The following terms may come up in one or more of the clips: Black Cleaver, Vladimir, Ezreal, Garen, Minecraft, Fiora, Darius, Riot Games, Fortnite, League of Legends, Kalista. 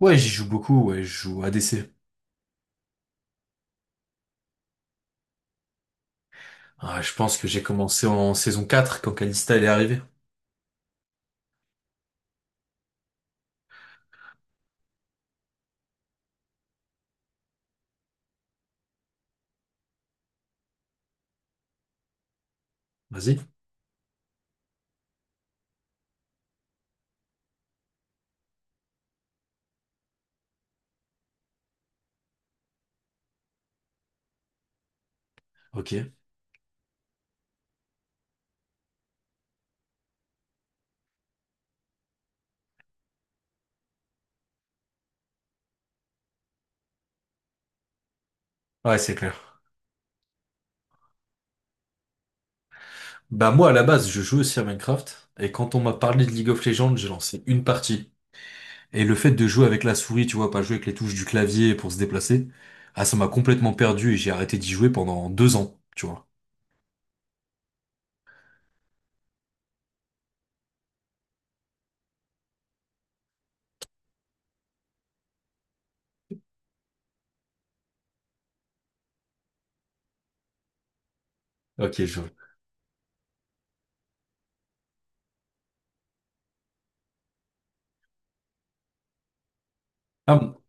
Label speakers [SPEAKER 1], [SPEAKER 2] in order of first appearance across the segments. [SPEAKER 1] Ouais, j'y joue beaucoup, ouais, je joue ADC. Ah, je pense que j'ai commencé en saison 4 quand Kalista elle est arrivée. Vas-y. Ok. Ouais, c'est clair. Bah moi à la base, je joue aussi à Minecraft, et quand on m'a parlé de League of Legends, j'ai lancé une partie. Et le fait de jouer avec la souris, tu vois, pas jouer avec les touches du clavier pour se déplacer, ah ça m'a complètement perdu et j'ai arrêté d'y jouer pendant deux ans, tu vois. Ok, je vois. Ah, bon.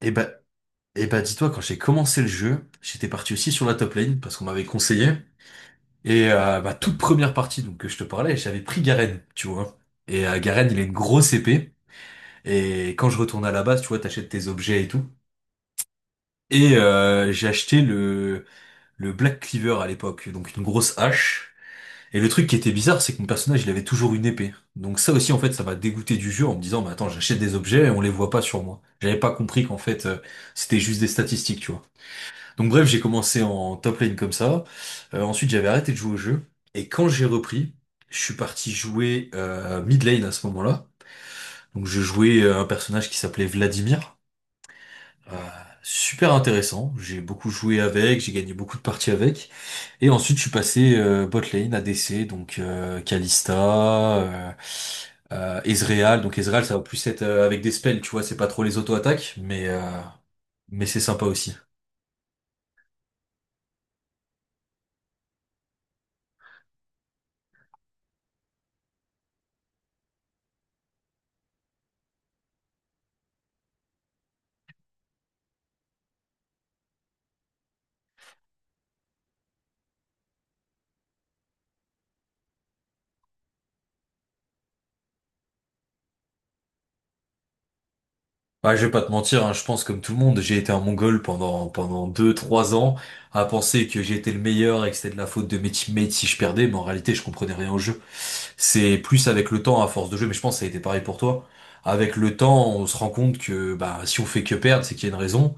[SPEAKER 1] et bah, et bah dis-toi, quand j'ai commencé le jeu, j'étais parti aussi sur la top lane parce qu'on m'avait conseillé. Et ma toute première partie donc que je te parlais, j'avais pris Garen, tu vois. Et Garen, il a une grosse épée. Et quand je retourne à la base, tu vois, t'achètes tes objets et tout. Et j'ai acheté le Black Cleaver à l'époque, donc une grosse hache. Et le truc qui était bizarre, c'est que mon personnage, il avait toujours une épée. Donc ça aussi, en fait, ça m'a dégoûté du jeu en me disant, mais attends, j'achète des objets et on les voit pas sur moi. J'avais pas compris qu'en fait, c'était juste des statistiques, tu vois. Donc bref, j'ai commencé en top lane comme ça. Ensuite, j'avais arrêté de jouer au jeu. Et quand j'ai repris, je suis parti jouer mid lane à ce moment-là. Donc je jouais un personnage qui s'appelait Vladimir. Euh, super intéressant. J'ai beaucoup joué avec, j'ai gagné beaucoup de parties avec. Et ensuite, je suis passé bot lane, ADC, donc Kalista, Ezreal. Donc Ezreal, ça va plus être avec des spells, tu vois, c'est pas trop les auto-attaques, mais c'est sympa aussi. Bah, je vais pas te mentir, hein, je pense comme tout le monde, j'ai été un Mongol pendant deux trois ans à penser que j'étais le meilleur et que c'était de la faute de mes teammates si je perdais, mais en réalité je comprenais rien au jeu. C'est plus avec le temps, à force de jeu, mais je pense que ça a été pareil pour toi. Avec le temps, on se rend compte que bah si on fait que perdre, c'est qu'il y a une raison.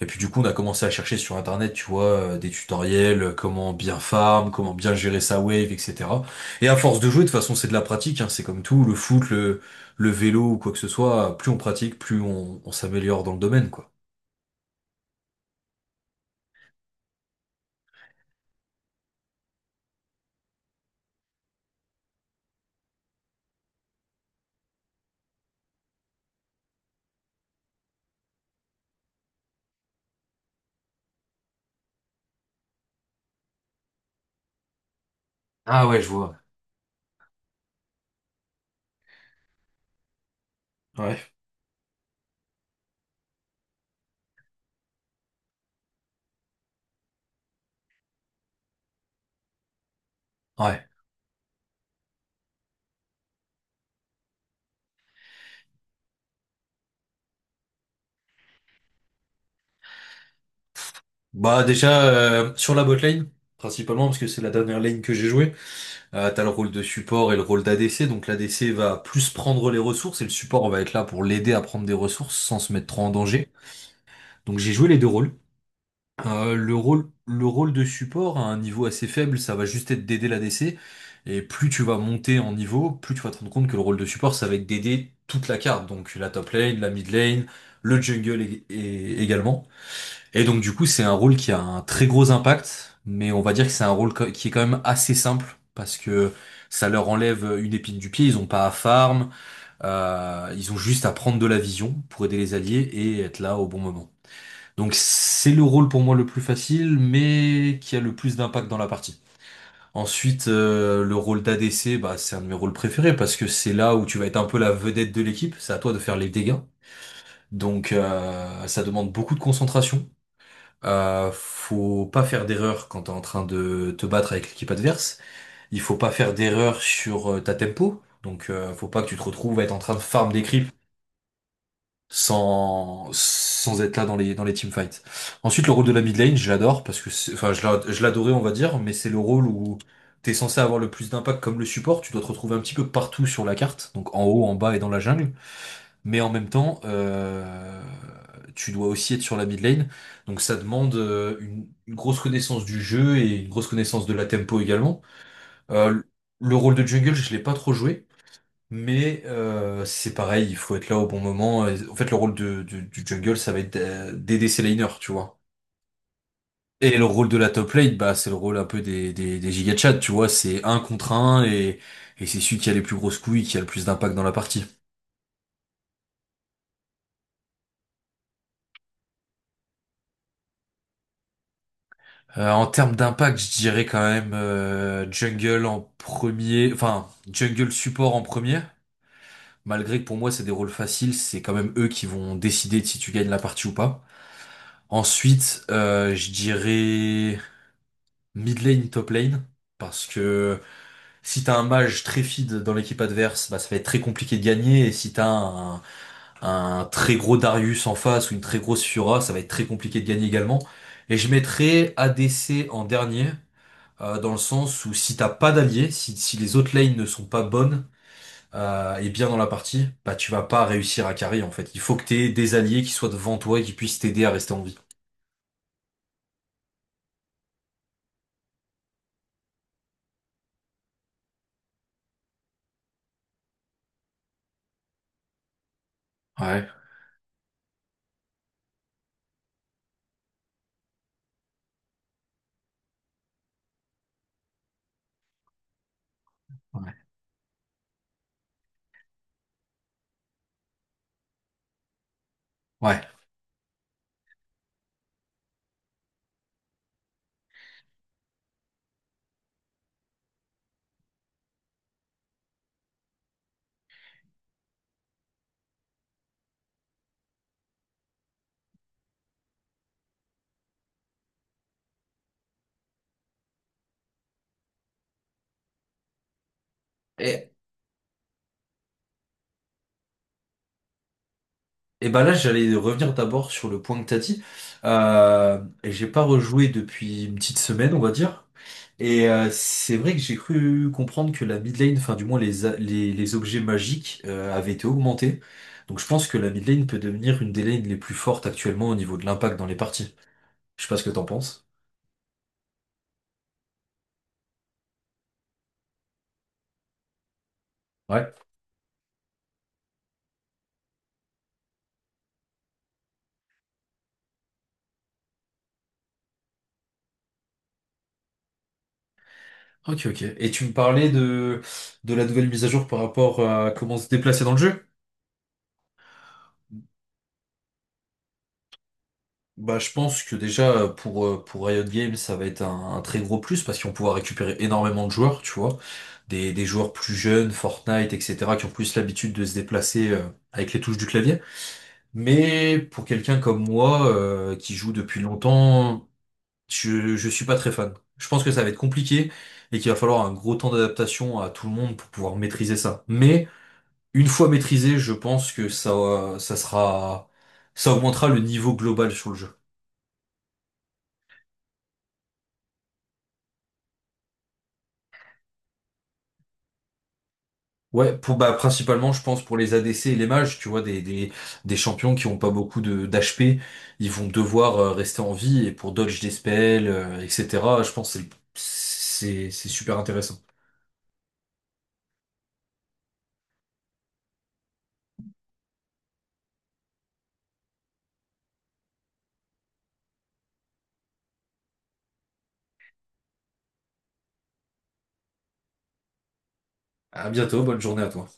[SPEAKER 1] Et puis du coup, on a commencé à chercher sur Internet, tu vois, des tutoriels, comment bien farm, comment bien gérer sa wave, etc. Et à force de jouer, de toute façon, c'est de la pratique, hein, c'est comme tout, le foot, le vélo ou quoi que ce soit, plus on pratique, plus on s'améliore dans le domaine, quoi. Ah ouais, je vois. Ouais. Ouais. Bah déjà, sur la botlane, principalement, parce que c'est la dernière lane que j'ai jouée, t'as le rôle de support et le rôle d'ADC, donc l'ADC va plus prendre les ressources, et le support va être là pour l'aider à prendre des ressources sans se mettre trop en danger. Donc j'ai joué les deux rôles. Le rôle de support à un niveau assez faible, ça va juste être d'aider la l'ADC. Et plus tu vas monter en niveau, plus tu vas te rendre compte que le rôle de support, ça va être d'aider toute la carte. Donc la top lane, la mid lane, le jungle également. Et donc du coup, c'est un rôle qui a un très gros impact, mais on va dire que c'est un qui est quand même assez simple. Parce que ça leur enlève une épine du pied, ils ont pas à farm, ils ont juste à prendre de la vision pour aider les alliés et être là au bon moment. Donc c'est le rôle pour moi le plus facile, mais qui a le plus d'impact dans la partie. Ensuite, le rôle d'ADC, bah, c'est un de mes rôles préférés parce que c'est là où tu vas être un peu la vedette de l'équipe. C'est à toi de faire les dégâts. Donc ça demande beaucoup de concentration. Faut pas faire d'erreur quand t'es en train de te battre avec l'équipe adverse. Il faut pas faire d'erreur sur ta tempo. Donc faut pas que tu te retrouves à être en train de farm des creeps sans être là dans les teamfights. Ensuite, le rôle de la mid lane, je l'adore parce que je l'adorais on va dire, mais c'est le rôle où t'es censé avoir le plus d'impact comme le support, tu dois te retrouver un petit peu partout sur la carte, donc en haut, en bas et dans la jungle, mais en même temps tu dois aussi être sur la mid lane, donc ça demande une grosse connaissance du jeu et une grosse connaissance de la tempo également. Euh, le rôle de jungle, je l'ai pas trop joué. Mais c'est pareil, il faut être là au bon moment. Et en fait, le du jungle, ça va être d'aider ses laners, tu vois. Et le rôle de la top lane, bah, c'est le rôle un peu des giga chats, tu vois. C'est un contre un et c'est celui qui a les plus grosses couilles, qui a le plus d'impact dans la partie. En termes d'impact, je dirais quand même jungle en premier, enfin jungle support en premier. Malgré que pour moi c'est des rôles faciles, c'est quand même eux qui vont décider de si tu gagnes la partie ou pas. Ensuite, je dirais mid lane, top lane, parce que si t'as un mage très feed dans l'équipe adverse, bah, ça va être très compliqué de gagner, et si un très gros Darius en face ou une très grosse Fiora, ça va être très compliqué de gagner également. Et je mettrais ADC en dernier, dans le sens où si t'as pas d'alliés, si les autres lanes ne sont pas bonnes et bien dans la partie, bah tu vas pas réussir à carry en fait. Il faut que t'aies des alliés qui soient devant toi et qui puissent t'aider à rester en vie. Ouais, ouais, ouais. Et et ben là, j'allais revenir d'abord sur le point que t'as dit. Et j'ai pas rejoué depuis une petite semaine, on va dire. Et c'est vrai que j'ai cru comprendre que la mid lane, enfin du moins les, a- les, les objets magiques avaient été augmentés. Donc je pense que la mid lane peut devenir une des lanes les plus fortes actuellement au niveau de l'impact dans les parties. Je sais pas ce que t'en penses. Ouais. Ok, ok. Et tu me parlais de la nouvelle mise à jour par rapport à comment se déplacer dans le jeu? Bah, je pense que déjà pour Riot Games, ça va être un très gros plus parce qu'ils vont pouvoir récupérer énormément de joueurs, tu vois. Des joueurs plus jeunes, Fortnite, etc., qui ont plus l'habitude de se déplacer avec les touches du clavier. Mais pour quelqu'un comme moi, qui joue depuis longtemps, je suis pas très fan. Je pense que ça va être compliqué et qu'il va falloir un gros temps d'adaptation à tout le monde pour pouvoir maîtriser ça. Mais une fois maîtrisé, je pense que ça sera, ça augmentera le niveau global sur le jeu. Ouais, pour bah principalement je pense pour les ADC et les mages, tu vois, des champions qui ont pas beaucoup de d'HP, ils vont devoir rester en vie et pour dodge des spells, etc. Je pense que c'est super intéressant. À bientôt, bonne journée à toi.